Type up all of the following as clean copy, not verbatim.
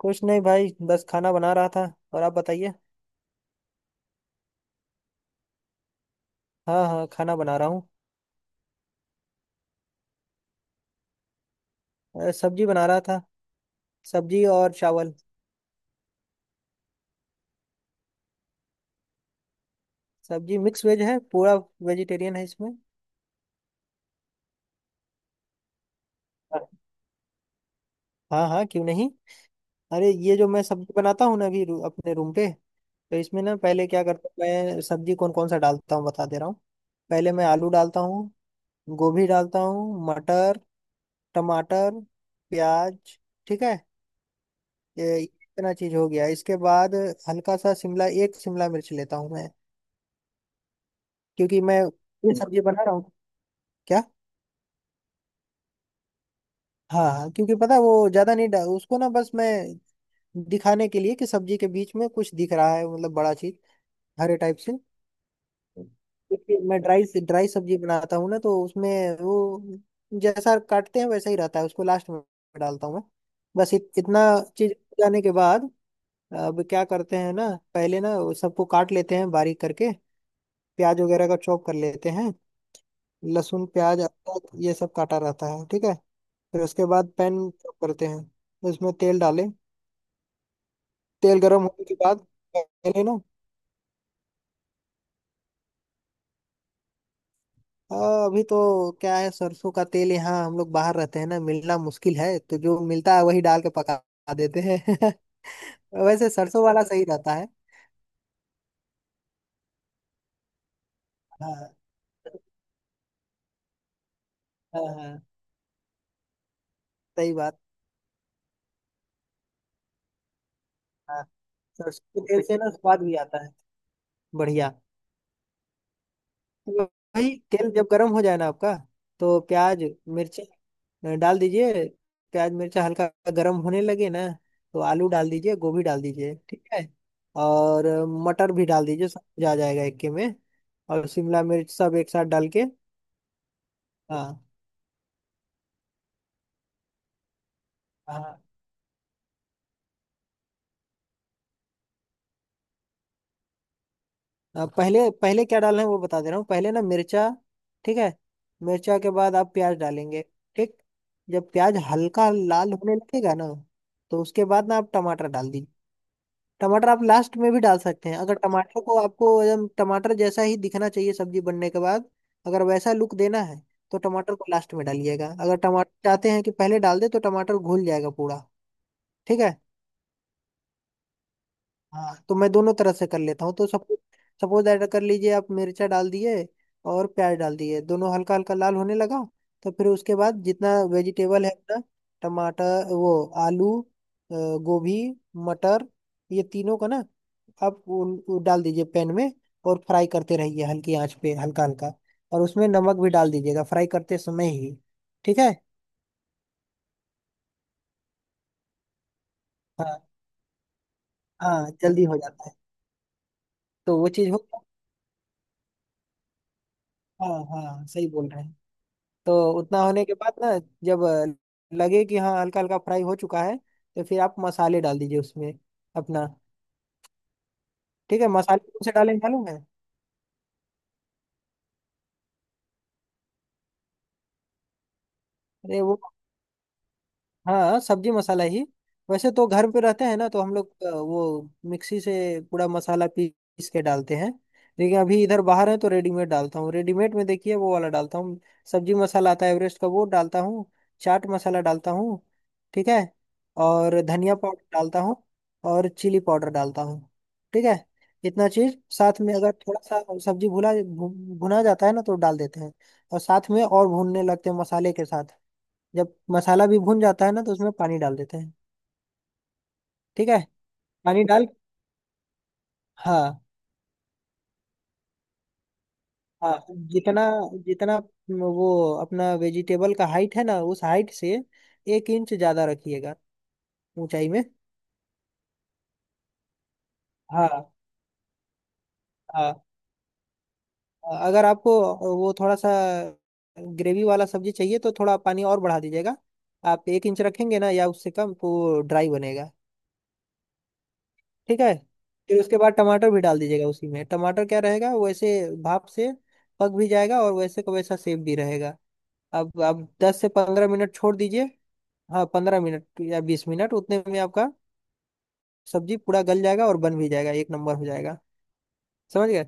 कुछ नहीं भाई बस खाना बना रहा था। और आप बताइए। हाँ हाँ खाना बना रहा हूँ। सब्जी बना रहा था। सब्जी और चावल। सब्जी मिक्स वेज है पूरा। वेजिटेरियन है इसमें। हाँ हाँ क्यों नहीं। अरे ये जो मैं सब्जी बनाता हूँ ना अभी अपने रूम पे, तो इसमें ना पहले क्या करता हूँ, मैं सब्जी कौन कौन सा डालता हूँ बता दे रहा हूँ। पहले मैं आलू डालता हूँ। गोभी डालता हूँ, मटर, टमाटर, प्याज। ठीक है। ये इतना चीज हो गया, इसके बाद हल्का सा शिमला, एक शिमला मिर्च लेता हूँ मैं। क्योंकि मैं ये सब्जी बना रहा हूँ। क्या? हाँ हाँ, क्योंकि पता है, वो ज्यादा नहीं उसको ना बस मैं दिखाने के लिए कि सब्जी के बीच में कुछ दिख रहा है, मतलब बड़ा चीज, हरे टाइप से। क्योंकि मैं ड्राई ड्राई सब्जी बनाता हूँ ना तो उसमें वो जैसा काटते हैं वैसा ही रहता है, उसको लास्ट में डालता हूँ मैं। बस इतना चीज जाने के बाद अब क्या करते हैं ना, पहले ना वो सबको काट लेते हैं बारीक करके, प्याज वगैरह का चॉप कर लेते हैं। लहसुन प्याज अदरक ये सब काटा रहता है, ठीक है। फिर उसके बाद पैन चॉप करते हैं, उसमें तेल डालें। तेल गर्म होने के बाद पहले ना आ, अभी तो क्या है, सरसों का तेल यहाँ हम लोग बाहर रहते हैं ना मिलना मुश्किल है, तो जो मिलता है वही डाल के पका देते हैं। वैसे सरसों वाला सही रहता है। हाँ हाँ हाँ, सही बात। हाँ सरसों के तेल से ना स्वाद भी आता है बढ़िया। तो भाई तेल जब गर्म हो जाए ना आपका, तो प्याज, मिर्ची, डाल दीजिए। प्याज मिर्चा हल्का गर्म होने लगे ना तो आलू डाल दीजिए, गोभी डाल दीजिए, ठीक है। और मटर भी डाल दीजिए, सब कुछ आ जाएगा इक्के में। और शिमला मिर्च सब एक साथ डाल के। हाँ हाँ, पहले पहले क्या डालना है वो बता दे रहा हूँ, पहले ना मिर्चा, ठीक है। मिर्चा के बाद आप प्याज डालेंगे, ठीक। जब प्याज हल्का लाल होने लगेगा ना, तो उसके बाद ना आप टमाटर डाल दीजिए। टमाटर आप लास्ट में भी डाल सकते हैं, अगर टमाटर को आपको एकदम टमाटर जैसा ही दिखना चाहिए सब्जी बनने के बाद, अगर वैसा लुक देना है, तो टमाटर को लास्ट में डालिएगा। अगर टमाटर चाहते हैं कि पहले डाल दे तो टमाटर घुल जाएगा पूरा, ठीक है। हाँ तो मैं दोनों तरह से कर लेता हूँ, तो सब सपोज ऐड कर लीजिए, आप मिर्चा डाल दिए और प्याज डाल दिए, दोनों हल्का हल्का लाल होने लगा, तो फिर उसके बाद जितना वेजिटेबल है अपना, टमाटर, वो, आलू, गोभी, मटर, ये तीनों का ना आप वो डाल दीजिए पैन में। और फ्राई करते रहिए हल्की आंच पे हल्का हल्का, और उसमें नमक भी डाल दीजिएगा फ्राई करते समय ही, ठीक है। हाँ हाँ, जल्दी हो जाता है। तो वो चीज़ हो, हाँ हाँ सही बोल रहे हैं। तो उतना होने के बाद ना, जब लगे कि हाँ हल्का हल्का फ्राई हो चुका है, तो फिर आप मसाले डाल दीजिए उसमें अपना, ठीक है। मसाले कौन से डालें मालूम है? अरे वो, हाँ सब्जी मसाला ही। वैसे तो घर पे रहते हैं ना तो हम लोग वो मिक्सी से पूरा मसाला पीस के डालते हैं। लेकिन अभी इधर बाहर है तो रेडीमेड डालता हूँ, रेडीमेड में देखिए वो वाला डालता हूँ। सब्जी मसाला आता है एवरेस्ट का, वो डालता हूँ। चाट मसाला डालता हूँ, ठीक है। और धनिया पाउडर डालता हूँ, और चिली पाउडर डालता हूँ, ठीक है। इतना चीज साथ में, अगर थोड़ा सा सब्जी भुना जाता है ना तो डाल देते हैं, और साथ में और भूनने लगते हैं मसाले के साथ। जब मसाला भी भून जाता है ना तो उसमें पानी डाल देते हैं, ठीक है। पानी डाल, हाँ हाँ, जितना जितना वो अपना वेजिटेबल का हाइट है ना, उस हाइट से एक इंच ज्यादा रखिएगा, ऊंचाई में। हाँ हाँ, अगर आपको वो थोड़ा सा ग्रेवी वाला सब्जी चाहिए तो थोड़ा पानी और बढ़ा दीजिएगा। आप एक इंच रखेंगे ना या उससे कम तो ड्राई बनेगा, ठीक है। फिर उसके बाद टमाटर भी डाल दीजिएगा उसी में, टमाटर क्या रहेगा वैसे, भाप से पक भी जाएगा और वैसे का वैसा सेफ भी रहेगा। अब दस से पंद्रह मिनट छोड़ दीजिए। हाँ पंद्रह मिनट या बीस मिनट, उतने में आपका सब्जी पूरा गल जाएगा और बन भी जाएगा, एक नंबर हो जाएगा। समझ गए।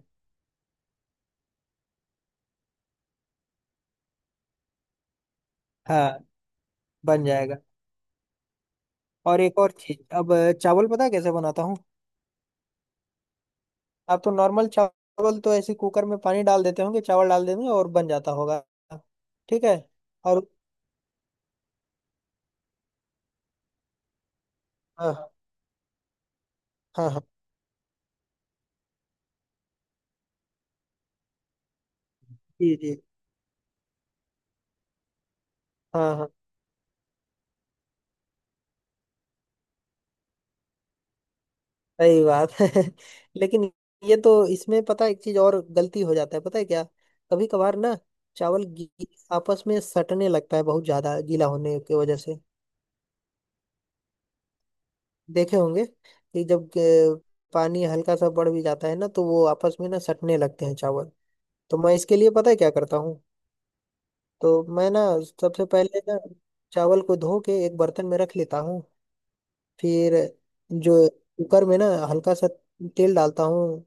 हाँ बन जाएगा। और एक और चीज, अब चावल पता है कैसे बनाता हूँ? आप तो नॉर्मल चावल तो ऐसे कुकर में पानी डाल देते होंगे, चावल डाल देंगे और बन जाता होगा, ठीक है। और। हाँ हाँ। हाँ। जी जी। हाँ हाँ, सही बात है। लेकिन ये तो इसमें पता है, एक चीज और गलती हो जाता है, पता है क्या? कभी कभार ना चावल गी- आपस में सटने लगता है, बहुत ज्यादा गीला होने की वजह से। देखे होंगे कि जब पानी हल्का सा बढ़ भी जाता है ना तो वो आपस में ना सटने लगते हैं चावल। तो मैं इसके लिए पता है क्या करता हूँ, तो मैं ना सबसे पहले ना चावल को धो के एक बर्तन में रख लेता हूँ। फिर जो कुकर में ना हल्का सा तेल डालता हूँ,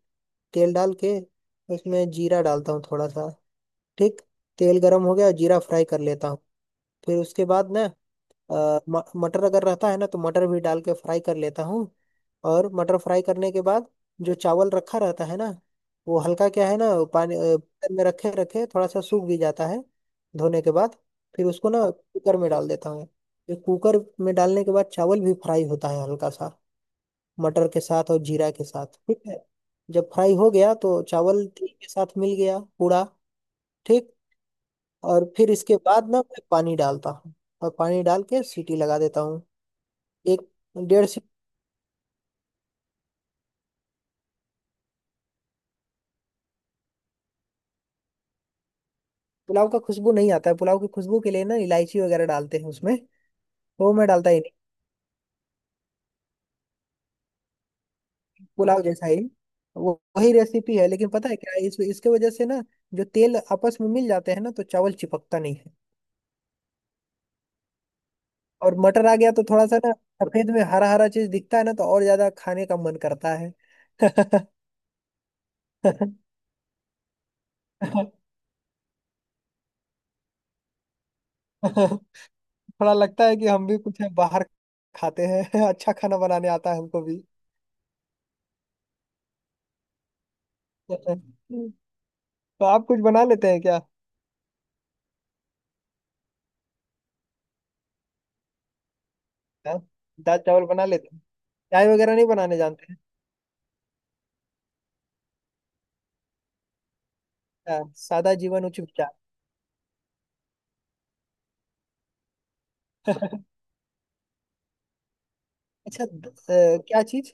तेल डाल के उसमें जीरा डालता हूँ थोड़ा सा, ठीक। तेल गरम हो गया, जीरा फ्राई कर लेता हूँ। फिर उसके बाद ना मटर अगर रहता है ना तो मटर भी डाल के फ्राई कर लेता हूँ। और मटर फ्राई करने के बाद जो चावल रखा रहता है ना, वो हल्का क्या है ना, पानी कुकर में रखे रखे थोड़ा सा सूख भी जाता है धोने के बाद। फिर उसको ना कुकर में डाल देता हूँ। ये कुकर में डालने के बाद चावल भी फ्राई होता है हल्का सा, मटर के साथ और जीरा के साथ, ठीक है। जब फ्राई हो गया तो चावल ठीक के साथ मिल गया पूरा, ठीक। और फिर इसके बाद ना मैं पानी डालता हूँ, और पानी डाल के सीटी लगा देता हूँ, एक डेढ़ सी। पुलाव का खुशबू नहीं आता है, पुलाव की खुशबू के लिए ना इलायची वगैरह डालते हैं उसमें, वो मैं डालता ही नहीं। पुलाव जैसा ही, वो वही रेसिपी है, लेकिन पता है क्या, इस इसके वजह से ना जो तेल आपस में मिल जाते हैं ना तो चावल चिपकता नहीं है। और मटर आ गया तो थोड़ा सा ना, सफेद में हरा हरा चीज दिखता है ना, तो और ज्यादा खाने का मन करता है। थोड़ा लगता है कि हम भी कुछ बाहर खाते हैं। अच्छा खाना बनाने आता है हमको भी। तो आप कुछ बना लेते हैं क्या? हाँ, दाल चावल बना लेते हैं, चाय वगैरह नहीं बनाने जानते हैं। हाँ, सादा जीवन उच्च विचार। अच्छा, क्या चीज?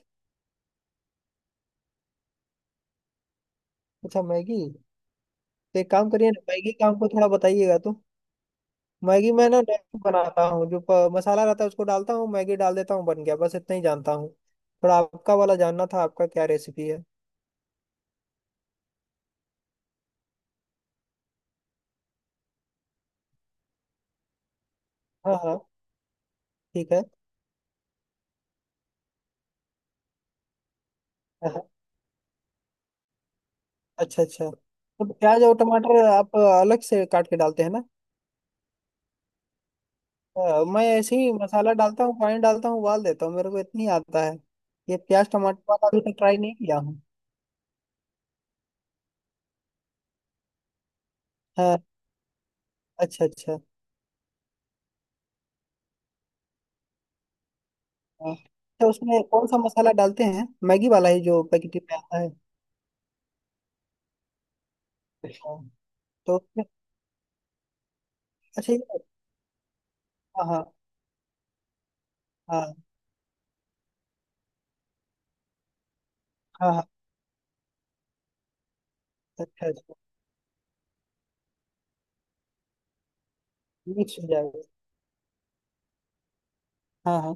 अच्छा मैगी। तो एक काम करिए ना, मैगी का हमको थोड़ा बताइएगा तो। मैगी मैं ना नहीं बनाता हूँ, जो मसाला रहता है उसको डालता हूँ, मैगी डाल देता हूँ, बन गया, बस इतना ही जानता हूँ। थोड़ा आपका वाला जानना था, आपका क्या रेसिपी है? हाँ हाँ ठीक है। हाँ, हाँ, अच्छा अच्छा, तो प्याज और टमाटर आप अलग से काट के डालते हैं ना। मैं ऐसे ही मसाला डालता हूँ, पानी डालता हूँ उबाल देता हूँ, मेरे को इतनी आता है। ये प्याज टमाटर वाला अभी तक ट्राई नहीं किया हूँ। हाँ अच्छा अच्छा। हाँ। तो उसमें कौन सा मसाला डालते हैं, मैगी वाला ही जो पैकेट में आता है? हाँ, तो उसमें, अच्छा ये- हाँ हाँ। हाँ हाँ हाँ। अच्छा अच्छा, मिक्स हो जाएगा। हाँ हाँ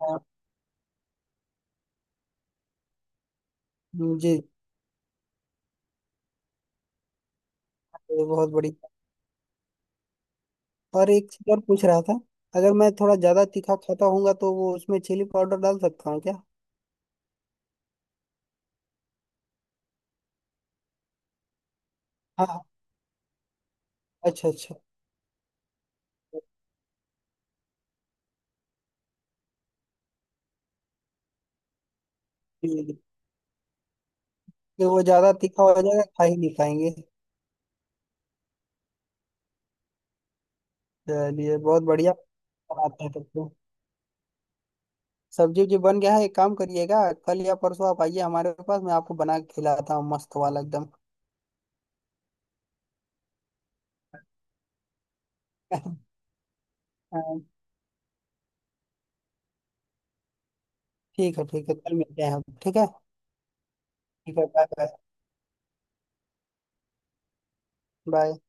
हाँ, जी। ये बहुत बढ़िया। और एक चीज और पूछ रहा था, अगर मैं थोड़ा ज्यादा तीखा खाता हूँ तो वो उसमें चिली पाउडर डाल सकता हूँ क्या? हाँ हाँ, अच्छा अच्छा। जी, जी। फिर वो ज्यादा तीखा हो जाएगा, खा ही नहीं पाएंगे। चलिए, बहुत बढ़िया। बनाते हैं तब तो। सब्जी जी बन गया है, एक काम करिएगा, कल या परसों आप आइए हमारे पास, मैं आपको बना के खिलाता हूँ मस्त वाला एकदम। हाँ, ठीक है, ठीक है, कल मिलते हैं हम, ठीक है। ठीक है, बाय बाय। बाय।